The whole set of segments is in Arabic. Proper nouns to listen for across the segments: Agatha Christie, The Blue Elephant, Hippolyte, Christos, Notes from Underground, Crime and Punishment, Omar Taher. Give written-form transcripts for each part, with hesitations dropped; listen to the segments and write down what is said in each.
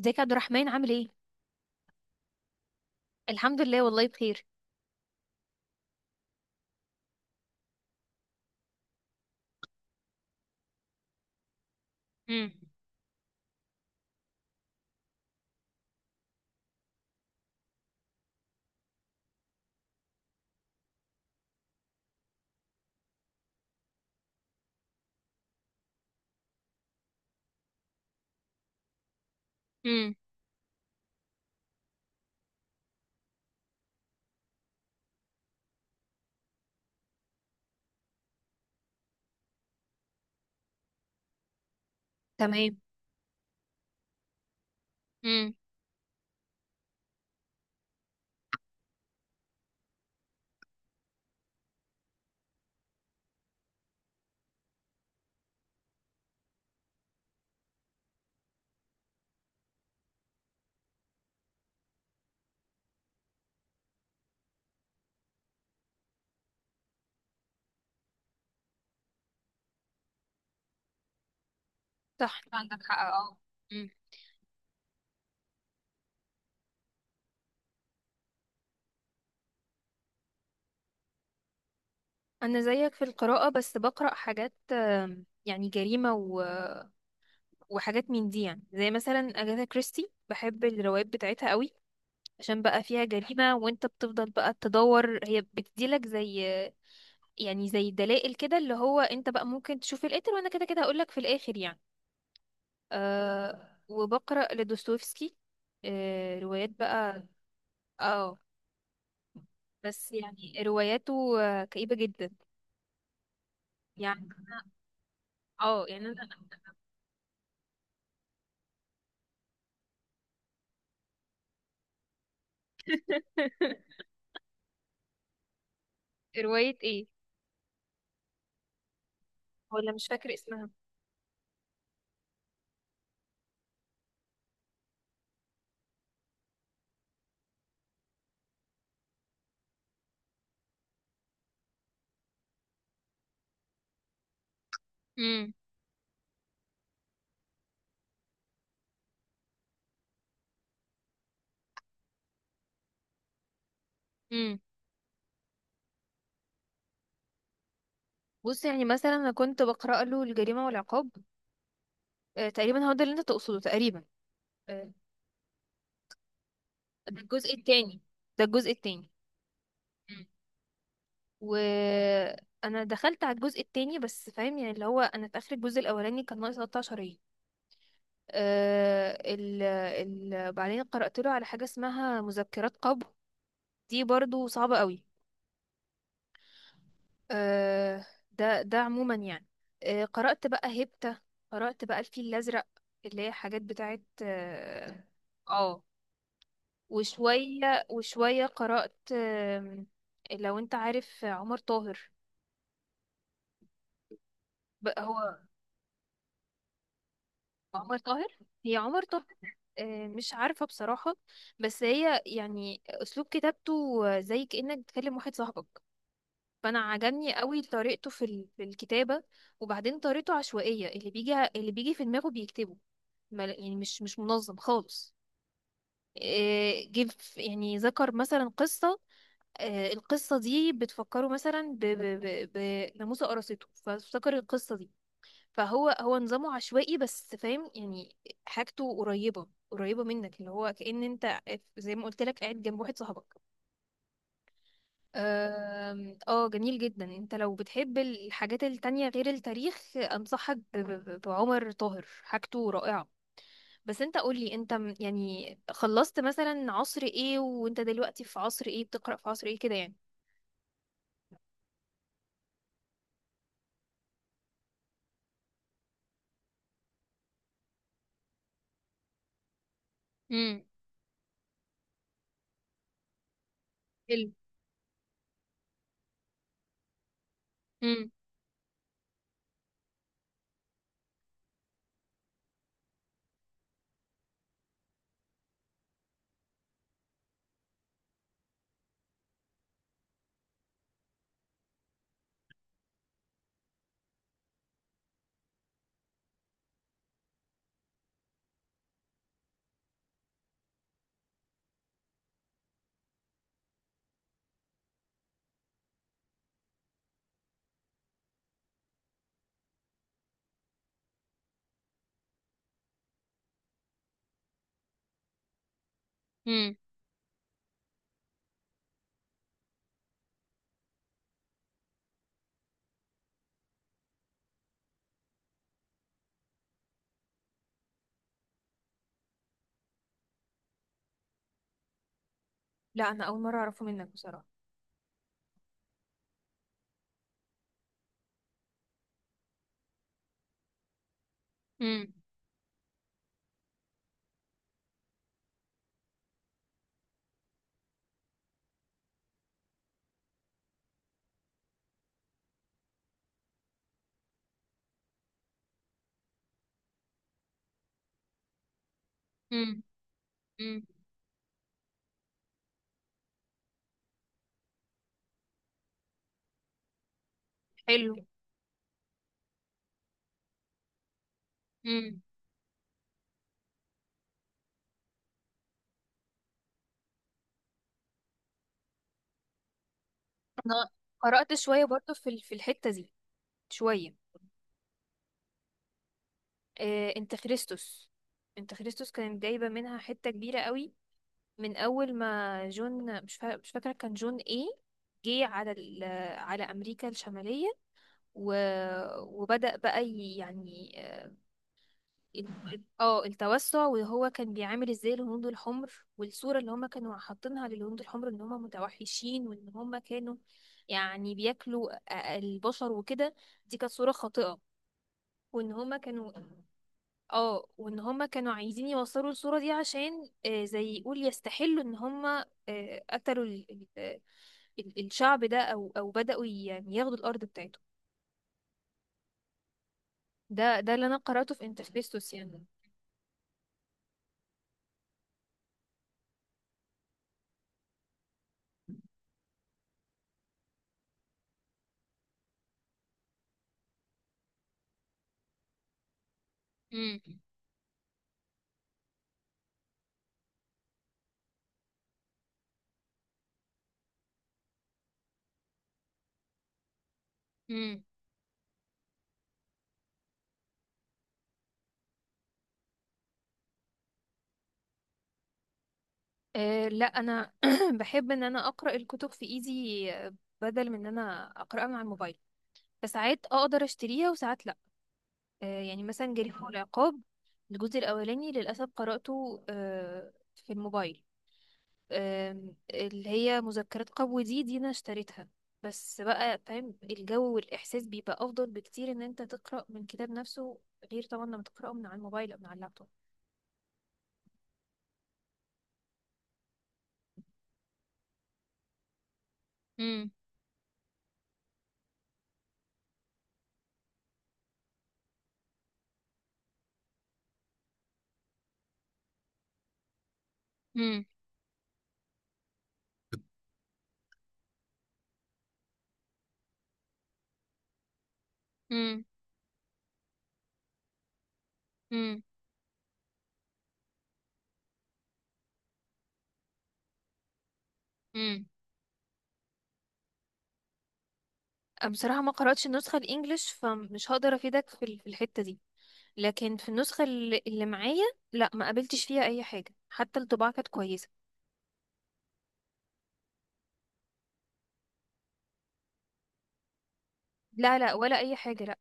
ازيك يا عبد الرحمن عامل ايه؟ الحمد لله والله بخير. امم امم تمام. امم صح عندك حق، اه. امم انا زيك في القراءة، بس بقرأ حاجات يعني جريمة وحاجات من دي، يعني زي مثلا اجاثا كريستي، بحب الروايات بتاعتها قوي عشان بقى فيها جريمة وانت بتفضل بقى تدور، هي بتديلك زي يعني زي دلائل كده اللي هو انت بقى ممكن تشوف القاتل، وانا كده كده هقولك في الاخر يعني. أه، وبقرأ لدوستويفسكي، أه روايات بقى، اه. بس يعني رواياته كئيبة جدا. يعني أنا- اه يعني انا. رواية ايه؟ ولا مش فاكرة اسمها. امم امم بص يعني مثلا انا كنت بقرأ له الجريمة والعقاب. تقريبا هو ده اللي انت تقصده، تقريبا. آه، ده الجزء التاني، ده الجزء التاني. مم. وانا دخلت على الجزء التاني، بس فاهم يعني اللي هو انا في اخر الجزء الاولاني كان ناقص 13 ايه. آه، ال ال بعدين قرأت له على حاجة اسمها مذكرات قبو، دي برضو صعبة قوي. آه، ده ده عموما يعني. قرأت بقى هيبتا، قرأت بقى الفيل الأزرق، اللي هي حاجات بتاعت اه. آه. وشوية وشوية قرأت، لو انت عارف عمر طاهر. هو عمر طاهر، هي عمر طاهر. مش عارفة بصراحة. بس هي يعني أسلوب كتابته زي كأنك بتكلم واحد صاحبك، فأنا عجبني قوي طريقته في الكتابة. وبعدين طريقته عشوائية، اللي بيجي اللي بيجي في دماغه بيكتبه. يعني مش منظم خالص. يعني ذكر مثلا قصة. القصة دي بتفكره مثلا بناموسة قرصته، فافتكر القصة دي. فهو هو نظامه عشوائي، بس فاهم يعني. حاجته قريبة منك، اللي هو كأن انت زي ما قلت لك قاعد جنب واحد صاحبك. اه جميل جدا. انت لو بتحب الحاجات التانية غير التاريخ، انصحك بعمر طاهر، حاجته رائعة. بس انت قولي، انت يعني خلصت مثلا عصر ايه، وانت دلوقتي في عصر ايه، بتقرأ في عصر ايه كده يعني؟ امم حلو. امم امم لا انا اول مرة اعرفه منك بصراحة. امم امم امم حلو. امم انا قرأت شوية برضو في الحتة دي. شوية. انت خريستوس، انت خريستوس كانت جايبة منها حتة كبيرة قوي، من اول ما جون مش فاكرة كان جون ايه، جه على ال... على امريكا الشمالية، و... وبدأ بقى يعني ال- اه التوسع. وهو كان بيعامل ازاي الهنود الحمر؟ والصورة اللي هم كانوا حاطينها للهنود الحمر، ان هم متوحشين، وان هم كانوا يعني بياكلوا البشر وكده. دي كانت صورة خاطئة. وان هم كانوا، اه، وان هم كانوا عايزين يوصلوا الصورة دي عشان زي يقول يستحلوا ان هم قتلوا الشعب ده، او او بدأوا يعني ياخدوا الارض بتاعته. ده ده اللي انا قرأته في انترفيستوس يعني. امم امم لا انا بحب ان انا اقرا الكتب في ايدي، بدل من ان انا اقراها مع الموبايل. فساعات اقدر اشتريها وساعات لا. يعني مثلا جريمه والعقاب، الجزء الاولاني للاسف قراته في الموبايل. اللي هي مذكرات قبو، دي انا اشتريتها. بس بقى فاهم، الجو والاحساس بيبقى افضل بكتير ان انت تقرا من كتاب نفسه، غير طبعا لما تقراه من على الموبايل او من على اللابتوب. امم امم امم بصراحة ما قرأتش النسخة الإنجليش، فمش هقدر أفيدك في الحتة دي. لكن في النسخة اللي معايا، لا ما قابلتش فيها أي حاجة، حتى الطباعة كانت كويسة. لا لا، ولا أي حاجة، لا.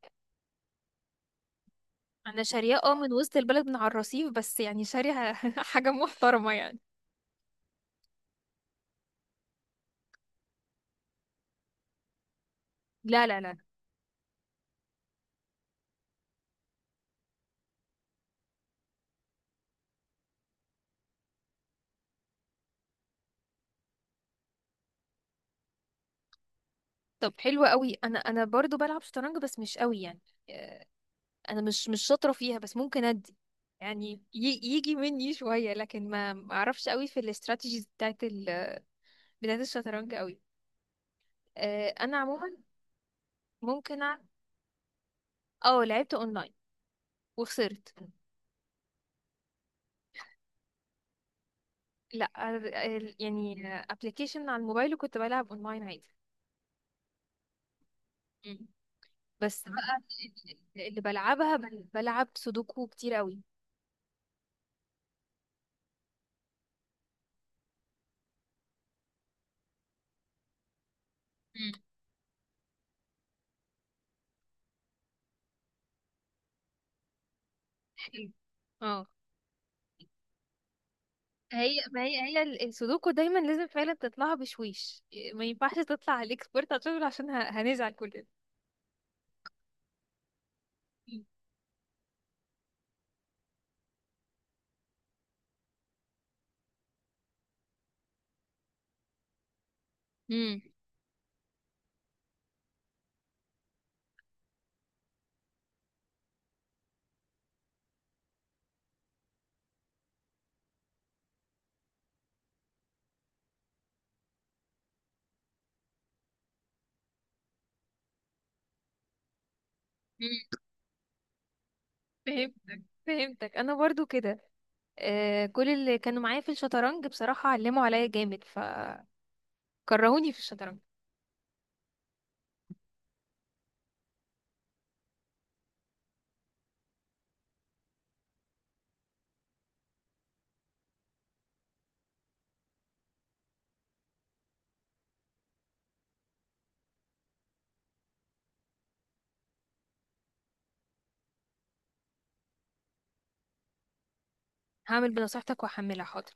أنا شارية، اه، من وسط البلد من على الرصيف، بس يعني شارية حاجة محترمة يعني. لا لا لا. طب حلوة قوي. أنا برضو بلعب شطرنج، بس مش قوي يعني. آه، أنا مش شاطرة فيها، بس ممكن أدي يعني يجي مني شوية، لكن ما أعرفش قوي في الاستراتيجيز بتاعت الشطرنج قوي. انا عموما ممكن اه لعبت اونلاين وخسرت. لا، يعني ابلكيشن على الموبايل، وكنت بلعب اونلاين عادي. مم. بس بقى اللي بلعبها، بلعب سودوكو كتير قوي. مم. اه، هي ما هي هي ال- السودوكو دايما لازم فعلا تطلعها بشويش، ما ينفعش تطلع على الاكسبرت عشان عشان هنزعل كلنا. مم. مم. فهمتك انا برضو كده. آه، كل اللي كانوا معايا في الشطرنج بصراحة علموا عليا جامد، فكرهوني في الشطرنج. هعمل بنصيحتك وهحملها، حاضر.